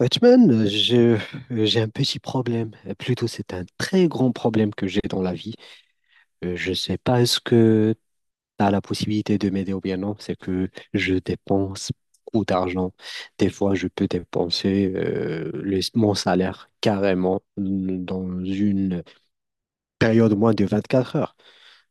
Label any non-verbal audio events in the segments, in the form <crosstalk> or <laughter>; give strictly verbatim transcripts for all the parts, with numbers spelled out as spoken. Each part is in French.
Batman, euh, je- euh, j'ai un petit problème. Euh, Plutôt, c'est un très grand problème que j'ai dans la vie. Euh, Je ne sais pas est-ce que tu as la possibilité de m'aider ou bien non. C'est que je dépense beaucoup d'argent. Des fois, je peux dépenser euh, le- mon salaire carrément dans une période moins de vingt-quatre heures.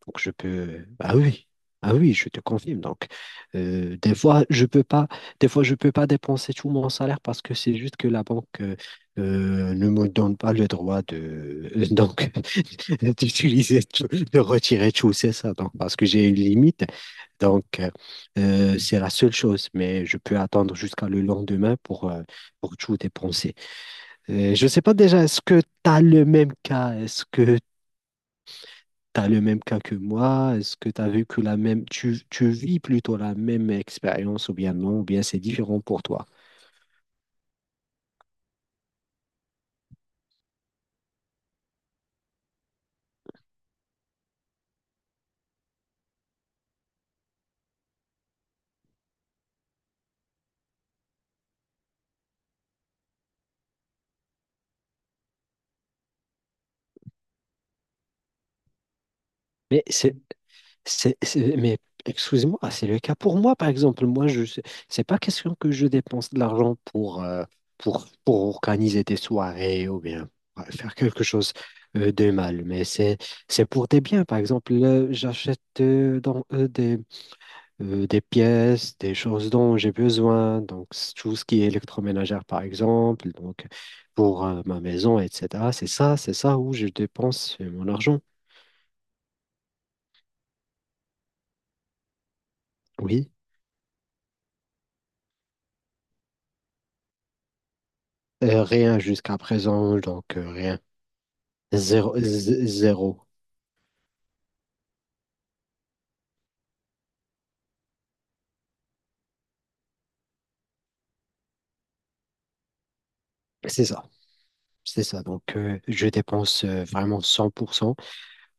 Donc je peux, ah oui, ah oui, je te confirme. Donc euh, des fois je peux pas, des fois je peux pas dépenser tout mon salaire parce que c'est juste que la banque euh, euh, ne me donne pas le droit de <laughs> donc <laughs> d'utiliser tout- de retirer tout, c'est ça. Donc parce que j'ai une limite, donc euh, euh, c'est la seule chose. Mais je peux attendre jusqu'à le lendemain pour euh, pour tout dépenser. Euh, je sais pas déjà, est-ce que tu as le même cas? Est-ce que T'as le même cas que moi? Est-ce que t'as vu que la même, tu, tu vis plutôt la même expérience ou bien non, ou bien c'est différent pour toi? Mais c'est, C'est, c'est- mais excusez-moi, ah, c'est le cas pour moi, par exemple. Moi, je, sais- c'est pas question que je dépense de l'argent pour, euh, pour, pour organiser des soirées ou bien ouais, faire quelque chose euh, de mal, mais c'est, c'est pour des biens. Par exemple, là, j'achète euh, dans, euh, des, euh, des pièces, des choses dont j'ai besoin, donc c'est tout ce qui est électroménagère, par exemple, donc pour euh, ma maison, etcétéra. C'est ça, c'est ça où je dépense euh, mon argent. Oui. Euh, rien jusqu'à présent, donc euh, rien. Zéro, z- zéro. C'est ça. C'est ça. Donc, euh, je dépense euh, vraiment cent pour cent.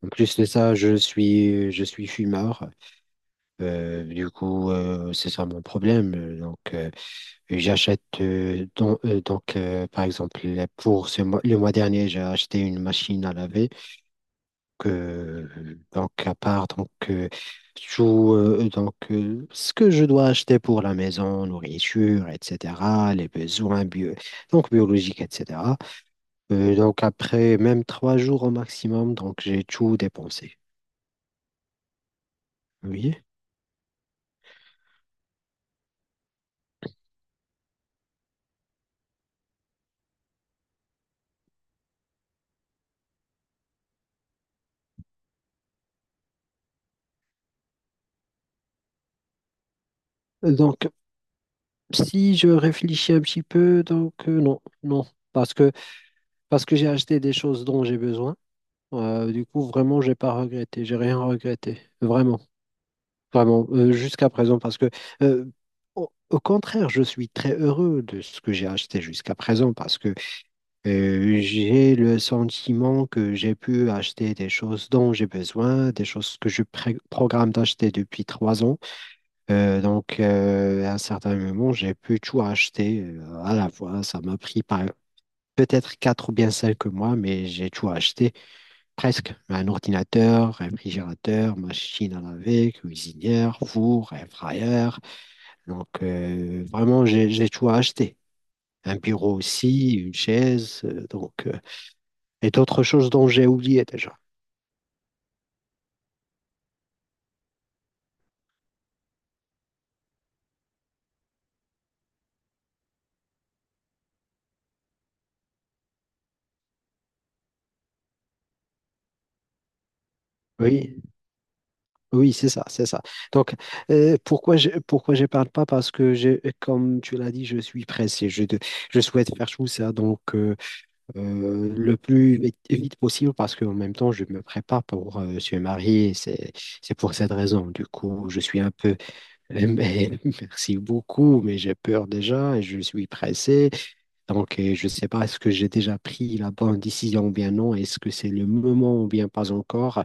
En plus de ça, je suis, je suis fumeur. Euh, du coup, euh, c'est ça mon problème. Euh, Donc, euh, j'achète, euh, don- euh, donc, euh, par exemple, pour ce mois, le mois dernier, j'ai acheté une machine à laver. Euh, donc, à part, donc, euh, tout, euh, donc, euh, ce que je dois acheter pour la maison, nourriture, etcétéra, les besoins bio, donc, biologiques, etcétéra. Euh, donc, après même trois jours au maximum, donc, j'ai tout dépensé. Oui. Donc, si je réfléchis un petit peu, donc, euh, non, non, parce que, parce que j'ai acheté des choses dont j'ai besoin. Euh, du coup, vraiment, j'ai pas regretté, j'ai rien regretté, vraiment. Vraiment, euh, jusqu'à présent, parce que euh, au, au contraire, je suis très heureux de ce que j'ai acheté jusqu'à présent, parce que euh, j'ai le sentiment que j'ai pu acheter des choses dont j'ai besoin, des choses que je pré- programme d'acheter depuis trois ans. Euh, donc, euh, à un certain moment, j'ai pu tout acheter euh, à la fois. Ça m'a pris par- Peut-être quatre ou bien cinq mois, mais j'ai tout acheté. Presque. Un ordinateur, réfrigérateur, machine à laver, cuisinière, four, air fryer. Donc, euh, vraiment, j'ai, j'ai tout à acheter. Un bureau aussi, une chaise, euh, donc, euh, et d'autres choses dont j'ai oublié déjà. Oui, Oui, c'est ça, c'est ça. Donc, euh, pourquoi je, Pourquoi je parle pas? Parce que je, comme tu l'as dit, je suis pressé. Je, de- je souhaite faire tout ça donc euh, euh, le plus vite, vite possible parce qu'en même temps, je me prépare pour euh, se marier. C'est, c'est pour cette raison. Du coup, je suis un peu. <laughs> mais- Merci beaucoup, mais j'ai peur déjà et je suis pressé. Donc, euh, je sais pas est-ce que j'ai déjà pris la bonne décision ou bien non. Est-ce que c'est le moment ou bien pas encore?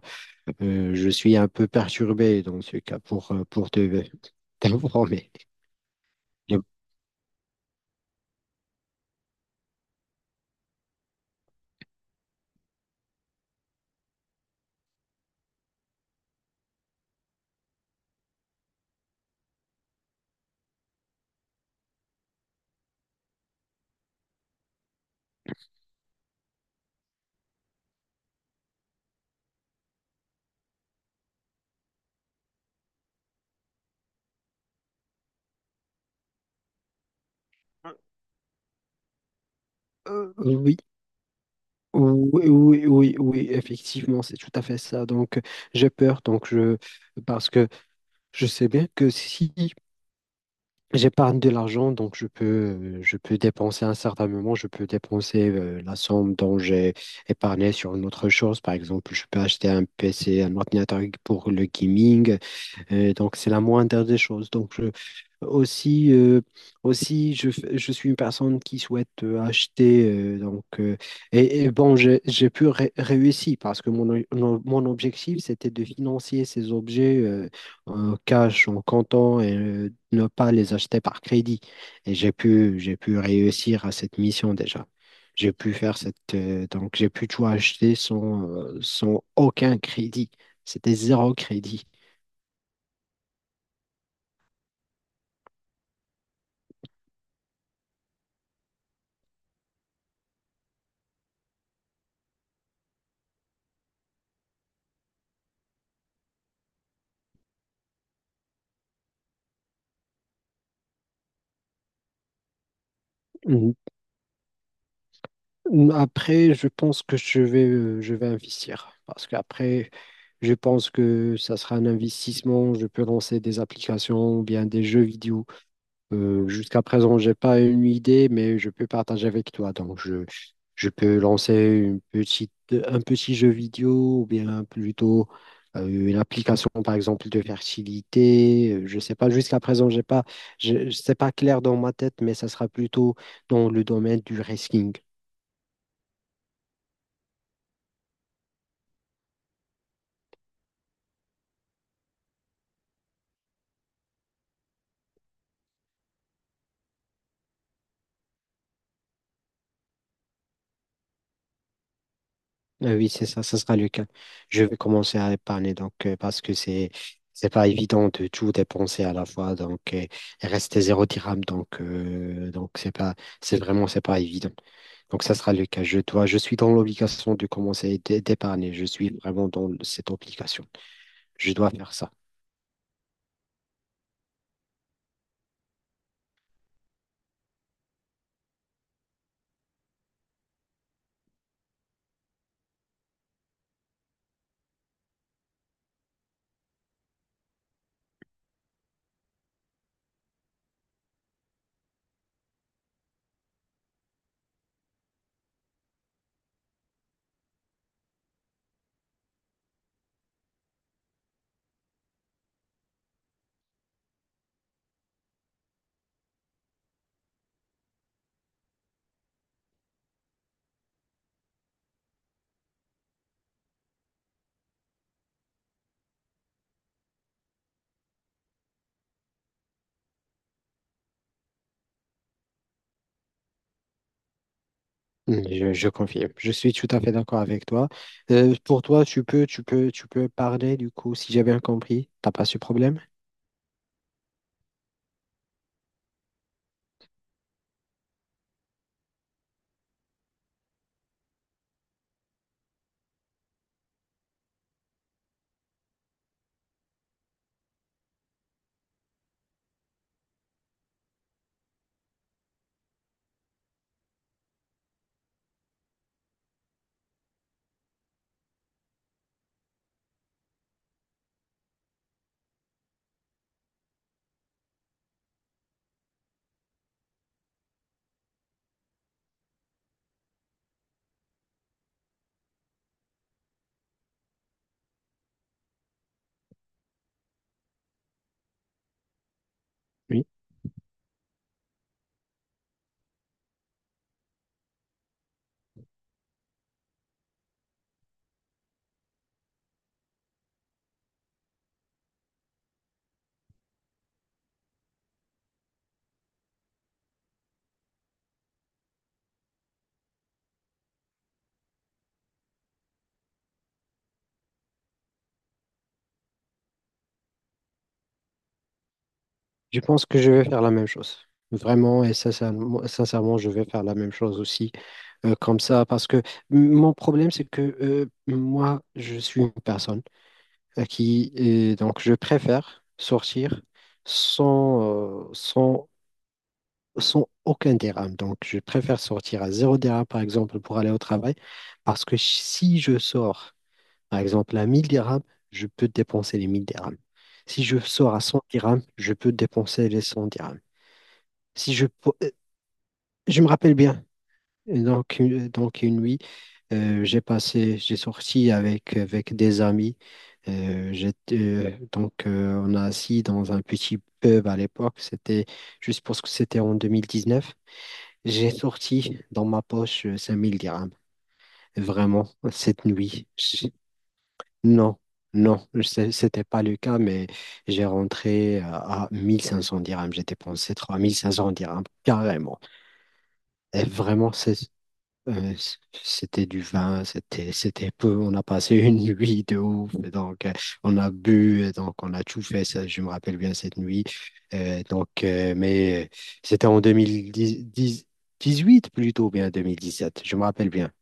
Euh, je suis un peu perturbé dans ce cas pour, euh, pour te <laughs> t'informer. Mais oui, oui, oui, oui, oui, effectivement, c'est tout à fait ça. Donc, j'ai peur, donc je, parce que je sais bien que si j'épargne de l'argent, donc je peux, euh, je peux dépenser à un certain moment, je peux dépenser euh, la somme dont j'ai épargné sur une autre chose. Par exemple, je peux acheter un P C, un ordinateur pour le gaming. Et donc, c'est la moindre des choses. Donc, je, aussi, euh, Aussi je, f- je suis une personne qui souhaite euh, acheter. Euh, donc, euh, et, et bon, j'ai j'ai pu ré- réussir parce que mon, o- mon mon objectif, c'était de financer ces objets euh, en cash, en comptant et euh, ne pas les acheter par crédit. Et j'ai pu, j'ai pu réussir à cette mission déjà. J'ai pu faire cette. Euh, donc, j'ai pu tout acheter sans, euh, sans aucun crédit. C'était zéro crédit. Mhm. Après, je pense que je vais, euh, je vais investir. Parce qu'après, je pense que ça sera un investissement. Je peux lancer des applications ou bien des jeux vidéo. Euh, jusqu'à présent, j'ai pas une idée, mais je peux partager avec toi. Donc, je, je peux lancer une petite, un petit jeu vidéo ou bien plutôt euh, une application, par exemple, de fertilité. Euh, Je sais pas, jusqu'à présent, j'ai pas, je, je- c'est pas clair dans ma tête, mais ça sera plutôt dans le domaine du risking. Euh, Oui, c'est ça, ça sera le cas. Je vais commencer à épargner donc euh, parce que c'est c'est pas évident de tout dépenser à la fois donc euh, il reste zéro dirham donc euh, donc c'est pas c'est vraiment c'est pas évident. Donc ça sera le cas. Je dois je suis dans l'obligation de commencer d'é- d'épargner. Je suis vraiment dans cette obligation. Je dois faire ça. Mm, Je, je confirme. Je suis tout à fait d'accord avec toi. Euh, pour toi, tu peux, tu peux, tu peux parler du coup, si j'ai bien compris. T'as pas ce problème? Je pense que je vais faire la même chose. Vraiment et sincèrement, sincèrement, je vais faire la même chose aussi. Euh, comme ça, parce que m- mon problème, c'est que euh, moi, je suis une personne à qui, et donc, je préfère sortir sans, euh, sans, sans aucun dirham. Donc, je préfère sortir à zéro dirham, par exemple, pour aller au travail, parce que si si je sors, par exemple, à mille dirhams, je peux dépenser les mille dirhams. Si je sors à cent dirhams, je peux dépenser les cent dirhams. Si je, pou- euh, Je me rappelle bien. Et Donc, une- donc une nuit, euh, j'ai passé, j'ai sorti avec, avec des amis. Euh, j'étais, euh, donc, euh, on a assis dans un petit pub à l'époque. C'était, je suppose que c'était en deux mille dix-neuf. J'ai sorti dans ma poche euh, cinq mille dirhams. Vraiment, cette nuit. Je- Non, non, c'est- c'était pas le cas, mais j'ai rentré à à mille cinq cents dirhams. J'ai dépensé trois mille cinq cents dirhams, carrément. Et vraiment, c'est Euh, c- C'était du vin, c'était c'était peu. On a passé <laughs> une nuit de ouf, et donc euh, on a bu, et donc on a tout fait. Ça, je me rappelle bien cette nuit. Euh, donc, euh, mais euh, C'était en deux mille dix huit plutôt, bien deux mille dix sept. Je me rappelle bien.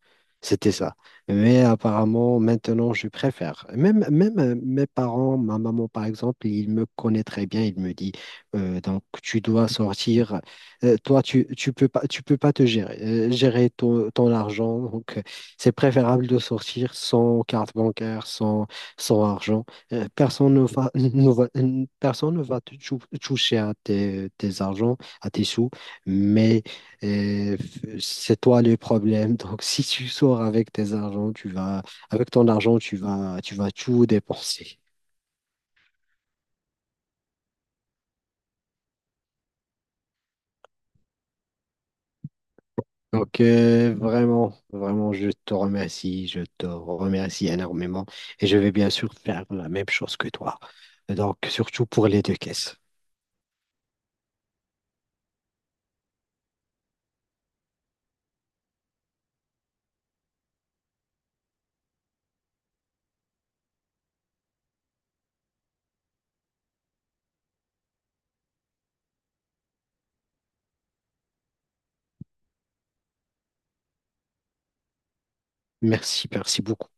C'était ça. Mais apparemment, maintenant, je préfère. Même, même euh, mes parents, ma maman, par exemple, il me connaît très bien. Il me dit, euh, donc, tu dois sortir. Euh, toi, tu, tu peux pas, tu peux pas te gérer, euh, gérer ton, ton argent. Donc, euh, c'est préférable de sortir sans carte bancaire, sans, sans argent. Euh, personne ne va, <laughs> ne va- personne ne va te tou- toucher à tes, tes argents, à tes sous. Mais et f- c'est toi le problème. <laughs> Donc, si tu sors avec tes argent, tu vas, avec ton argent, tu vas, tu vas tout dépenser. Donc, euh, vraiment, vraiment, je te remercie. Je te remercie énormément. Et je vais bien sûr faire la même chose que toi. Donc, surtout pour les deux caisses. Merci, merci beaucoup.